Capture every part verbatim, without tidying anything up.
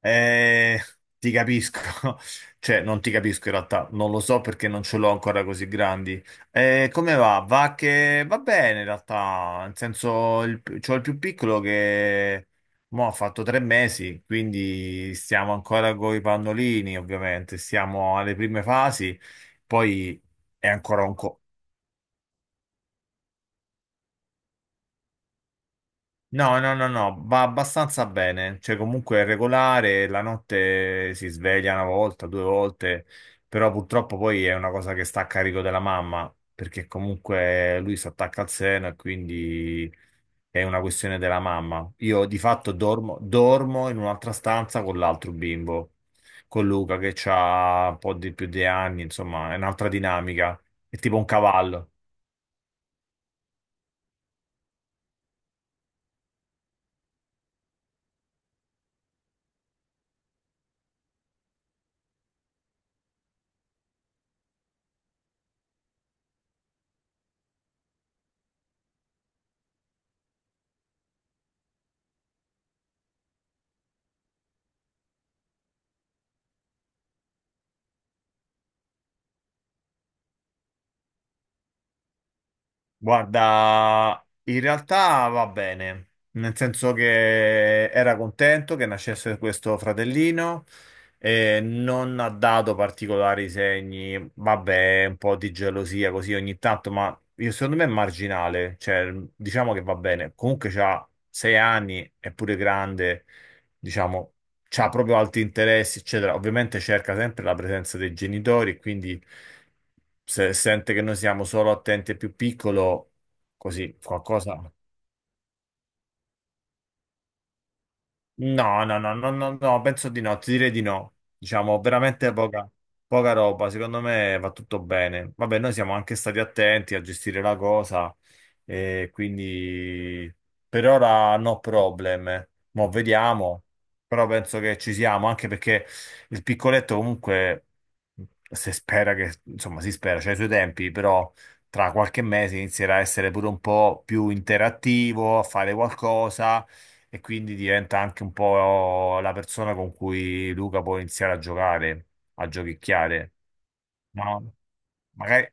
Eh, Ti capisco, cioè non ti capisco in realtà, non lo so perché non ce l'ho ancora così grandi. Eh, come va? Va che va bene in realtà, nel senso il, c'ho il più piccolo che mo ha fatto tre mesi, quindi stiamo ancora con i pannolini ovviamente, siamo alle prime fasi, poi è ancora un, co- No, no, no, no, va abbastanza bene, cioè comunque è regolare, la notte si sveglia una volta, due volte, però purtroppo poi è una cosa che sta a carico della mamma, perché comunque lui si attacca al seno e quindi è una questione della mamma. Io di fatto dormo, dormo in un'altra stanza con l'altro bimbo, con Luca che ha un po' di più di anni, insomma, è un'altra dinamica, è tipo un cavallo. Guarda, in realtà va bene, nel senso che era contento che nascesse questo fratellino e non ha dato particolari segni, vabbè, un po' di gelosia così ogni tanto, ma io, secondo me è marginale, cioè diciamo che va bene. Comunque c'ha sei anni, è pure grande, diciamo, c'ha proprio alti interessi, eccetera. Ovviamente cerca sempre la presenza dei genitori, quindi se sente che noi siamo solo attenti al più piccolo, così qualcosa. No, no, no, no, no, no, penso di no, ti direi di no. Diciamo, veramente poca, poca roba, secondo me va tutto bene. Vabbè, noi siamo anche stati attenti a gestire la cosa, e quindi per ora no problem. Mo' vediamo, però penso che ci siamo, anche perché il piccoletto comunque si spera che, insomma, si spera, c'ha i suoi tempi, però tra qualche mese inizierà a essere pure un po' più interattivo, a fare qualcosa e quindi diventa anche un po' la persona con cui Luca può iniziare a giocare, a giochicchiare, no? Magari,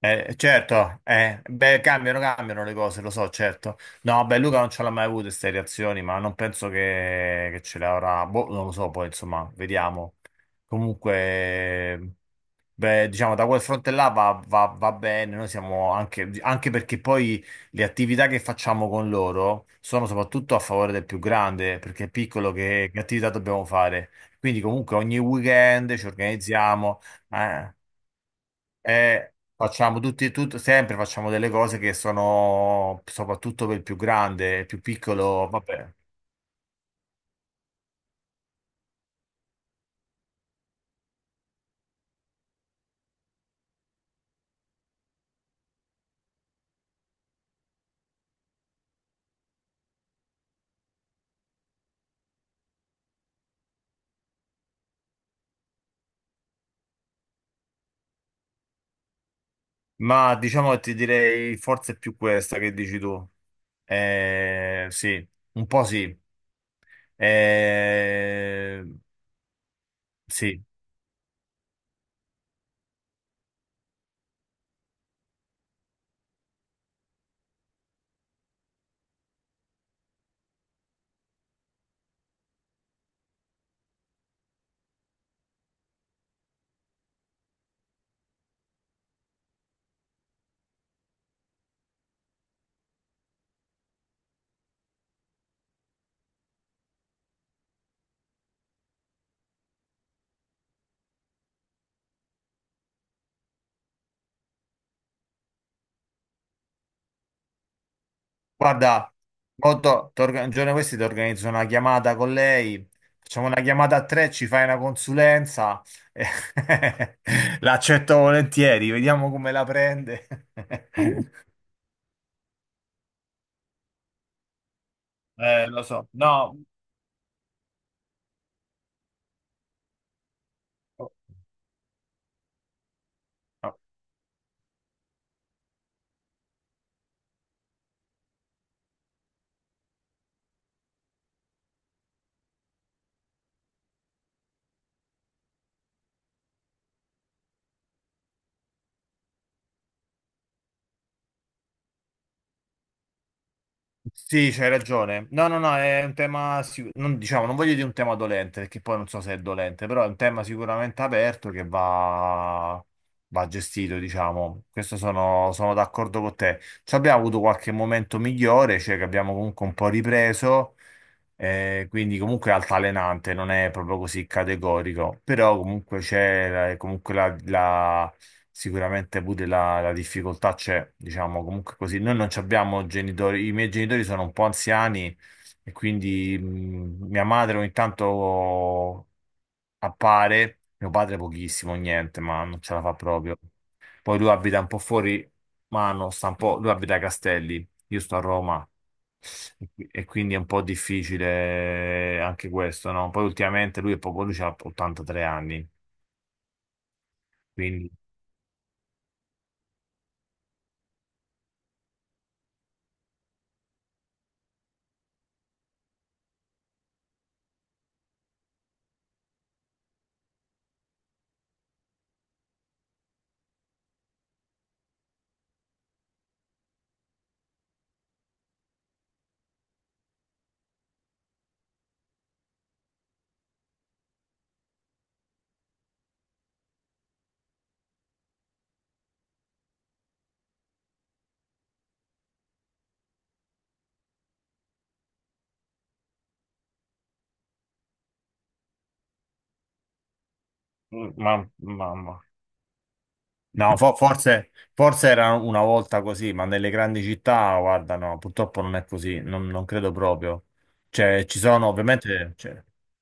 eh, certo, eh, beh, cambiano, cambiano le cose, lo so, certo. No, beh, Luca non ce l'ha mai avuto queste reazioni, ma non penso che, che ce le avrà, boh, non lo so, poi insomma, vediamo. Comunque... Beh, diciamo, da quel fronte là va, va- va bene, noi siamo anche, anche perché poi le attività che facciamo con loro sono soprattutto a favore del più grande, perché è piccolo che, che attività dobbiamo fare. Quindi comunque ogni weekend ci organizziamo, eh, e facciamo tutti, tut- sempre facciamo delle cose che sono soprattutto per il più grande, il più piccolo, vabbè. Ma diciamo che ti direi forse è più questa che dici tu. Eh, sì, un po' sì. Eh, sì, guarda, mo to- ti orga- un giorno di questi ti organizzo una chiamata con lei, facciamo una chiamata a tre, ci fai una consulenza, eh, l'accetto volentieri, vediamo come la prende. Eh, lo so, no. Sì, c'hai ragione. No, no, no, è un tema, sicu- non, diciamo, non voglio dire un tema dolente, perché poi non so se è dolente, però è un tema sicuramente aperto che va, va gestito, diciamo. Questo sono, sono d'accordo con te. Ci abbiamo avuto qualche momento migliore, cioè che abbiamo comunque un po' ripreso, eh, quindi comunque è altalenante, non è proprio così categorico, però comunque c'è la- comunque la... Sicuramente pure la, la difficoltà c'è, diciamo, comunque così. Noi non ci abbiamo genitori, i miei genitori sono un po' anziani e quindi mh, mia madre ogni tanto appare, mio padre pochissimo, niente, ma non ce la fa proprio. Poi lui abita un po' fuori mano, sta un po', lui abita a Castelli, io sto a Roma e qui- e quindi è un po' difficile anche questo, no? Poi ultimamente lui è poco, lui ha ottantatré anni, quindi... Mm, ma, mamma. No, fo- forse, forse era una volta così, ma nelle grandi città, guarda, no, purtroppo non è così, non, non credo proprio. Cioè, ci sono ovviamente, cioè,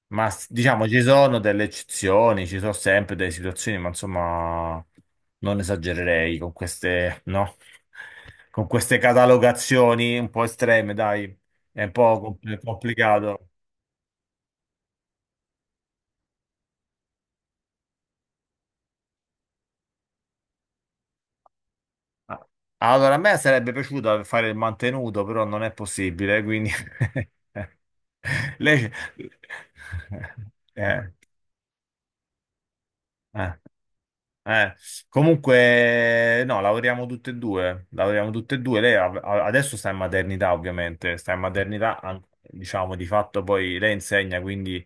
ma s- diciamo ci sono delle eccezioni, ci sono sempre delle situazioni, ma insomma, non esagererei con queste, no? Con queste catalogazioni un po' estreme, dai, è un po' compl- complicato. Ah, allora, a me sarebbe piaciuto fare il mantenuto, però non è possibile, quindi... Lei... Eh, eh, eh. Comunque, no, lavoriamo tutte e due, lavoriamo tutte e due. Lei av- a- adesso sta in maternità, ovviamente, sta in maternità, an- diciamo, di fatto poi lei insegna, quindi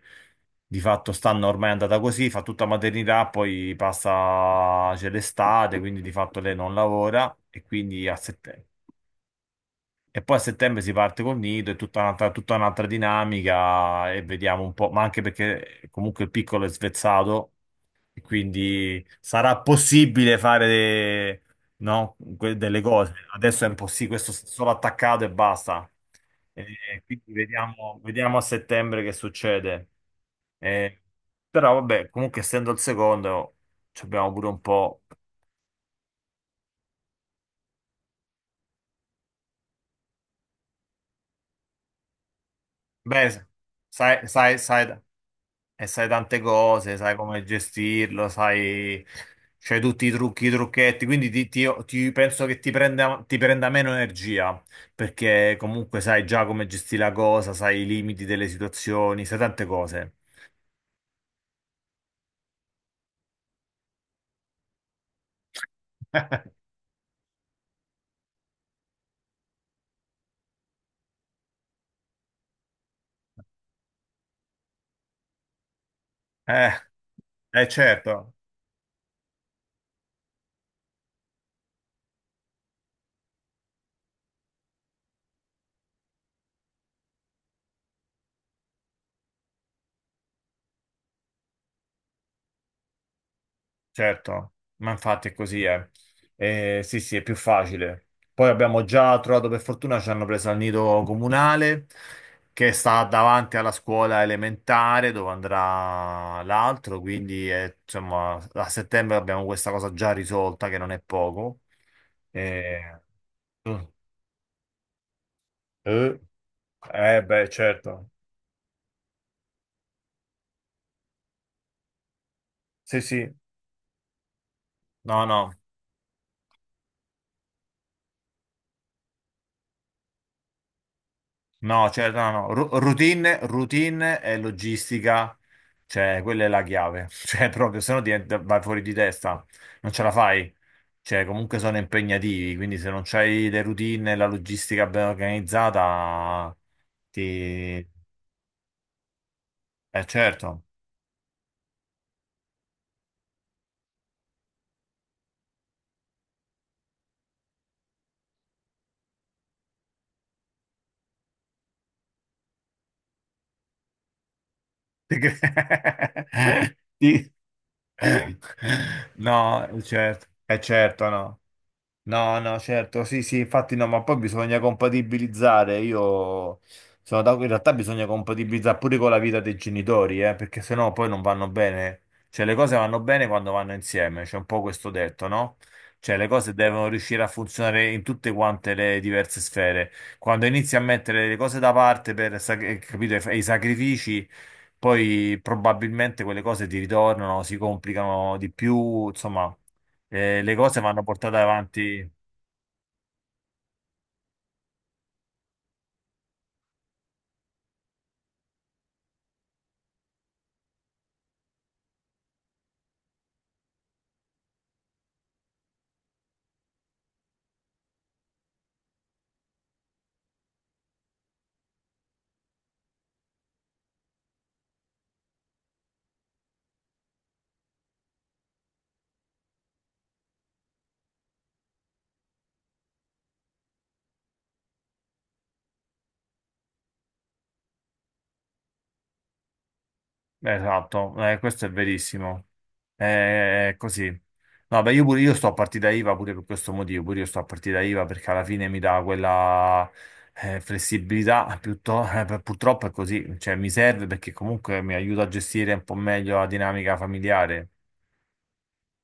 di fatto stanno ormai è andata così, fa tutta maternità, poi passa, c'è l'estate, quindi di fatto lei non lavora e quindi a settembre. E poi a settembre si parte col nido, è tutta un'altra tutta un'altra dinamica e vediamo un po', ma anche perché comunque il piccolo è svezzato e quindi sarà possibile fare de- no, que- delle cose. Adesso è impossibile, questo è solo attaccato e basta. E quindi vediamo, vediamo a settembre che succede. Eh, però vabbè, comunque essendo il secondo, ci abbiamo pure un po'. Beh, sai, sai, sai, e sai tante cose, sai come gestirlo, sai, c'hai tutti i trucchi, i trucchetti, quindi ti, ti- ti- penso che ti prenda, ti prenda meno energia, perché comunque sai già come gestire la cosa, sai i limiti delle situazioni, sai tante cose. Eh, eh certo. Certo, ma infatti è così, eh. Eh, sì, sì, è più facile. Poi abbiamo già trovato, per fortuna, ci hanno preso al nido comunale che sta davanti alla scuola elementare dove andrà l'altro, quindi eh, insomma a settembre abbiamo questa cosa già risolta che non è poco. Eh, eh, eh, beh, certo. Sì, sì. No, no. No, cioè, no, no, Ru- routine, routine e logistica, cioè, quella è la chiave, cioè, proprio, se no diventa- vai fuori di testa, non ce la fai, cioè, comunque sono impegnativi, quindi se non c'hai le routine e la logistica ben organizzata, ti... Eh, certo. Ti cre- ti- No, eh, certo, è certo, no. No, no, certo, sì, sì, infatti no, ma poi bisogna compatibilizzare, io sono da... in realtà bisogna compatibilizzare pure con la vita dei genitori, eh, perché sennò poi non vanno bene, cioè le cose vanno bene quando vanno insieme, c'è un po' questo detto, no? Cioè le cose devono riuscire a funzionare in tutte quante le diverse sfere, quando inizi a mettere le cose da parte per, sac- capito, e i sacrifici, poi probabilmente quelle cose ti ritornano, si complicano di più, insomma, eh, le cose vanno portate avanti. Eh, Esatto, eh, questo è verissimo. È così. No, beh, io, pure, io sto a partita IVA pure per questo motivo, pure io sto a partita IVA perché alla fine mi dà quella eh, flessibilità, piutto- eh, per- purtroppo è così, cioè mi serve perché comunque mi aiuta a gestire un po' meglio la dinamica familiare,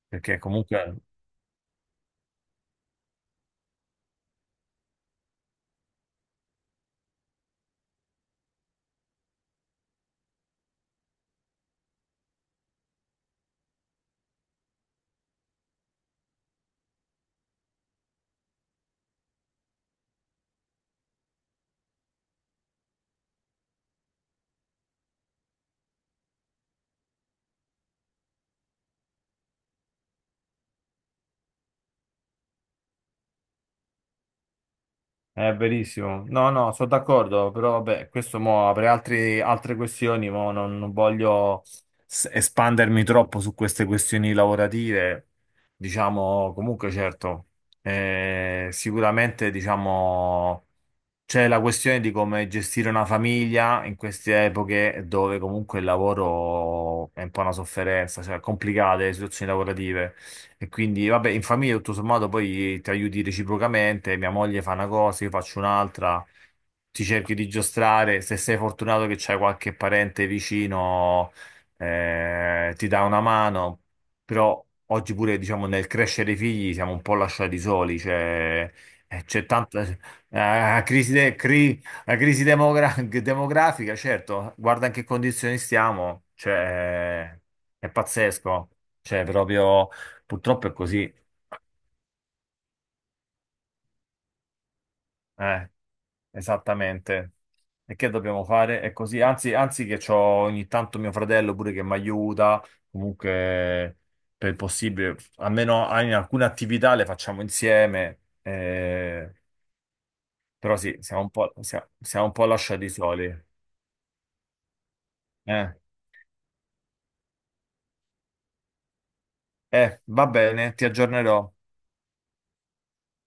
perché comunque... È verissimo. No, no, sono d'accordo, però vabbè, questo mo apre altri- altre questioni, mo non, non voglio s- espandermi troppo su queste questioni lavorative. Diciamo, comunque, certo, eh, sicuramente, diciamo. C'è la questione di come gestire una famiglia in queste epoche dove comunque il lavoro è un po' una sofferenza, cioè complicate le situazioni lavorative. E quindi, vabbè, in famiglia tutto sommato poi ti aiuti reciprocamente, mia moglie fa una cosa, io faccio un'altra, ti cerchi di giostrare, se sei fortunato che c'hai qualche parente vicino, eh, ti dà una mano, però oggi pure, diciamo, nel crescere i figli siamo un po' lasciati soli, cioè... Eh, c'è tanta, la crisi, de- cri- la crisi demogra- demografica, certo, guarda in che condizioni stiamo, cioè, è pazzesco, cioè, proprio, purtroppo è così, eh, esattamente. E che dobbiamo fare? È così, anzi, anzi che c'ho ogni tanto mio fratello pure che mi aiuta, comunque, per il possibile, almeno in alcune attività le facciamo insieme, eh, però sì, siamo un po', siamo siamo un po' lasciati soli, eh. Eh, va bene, ti aggiornerò.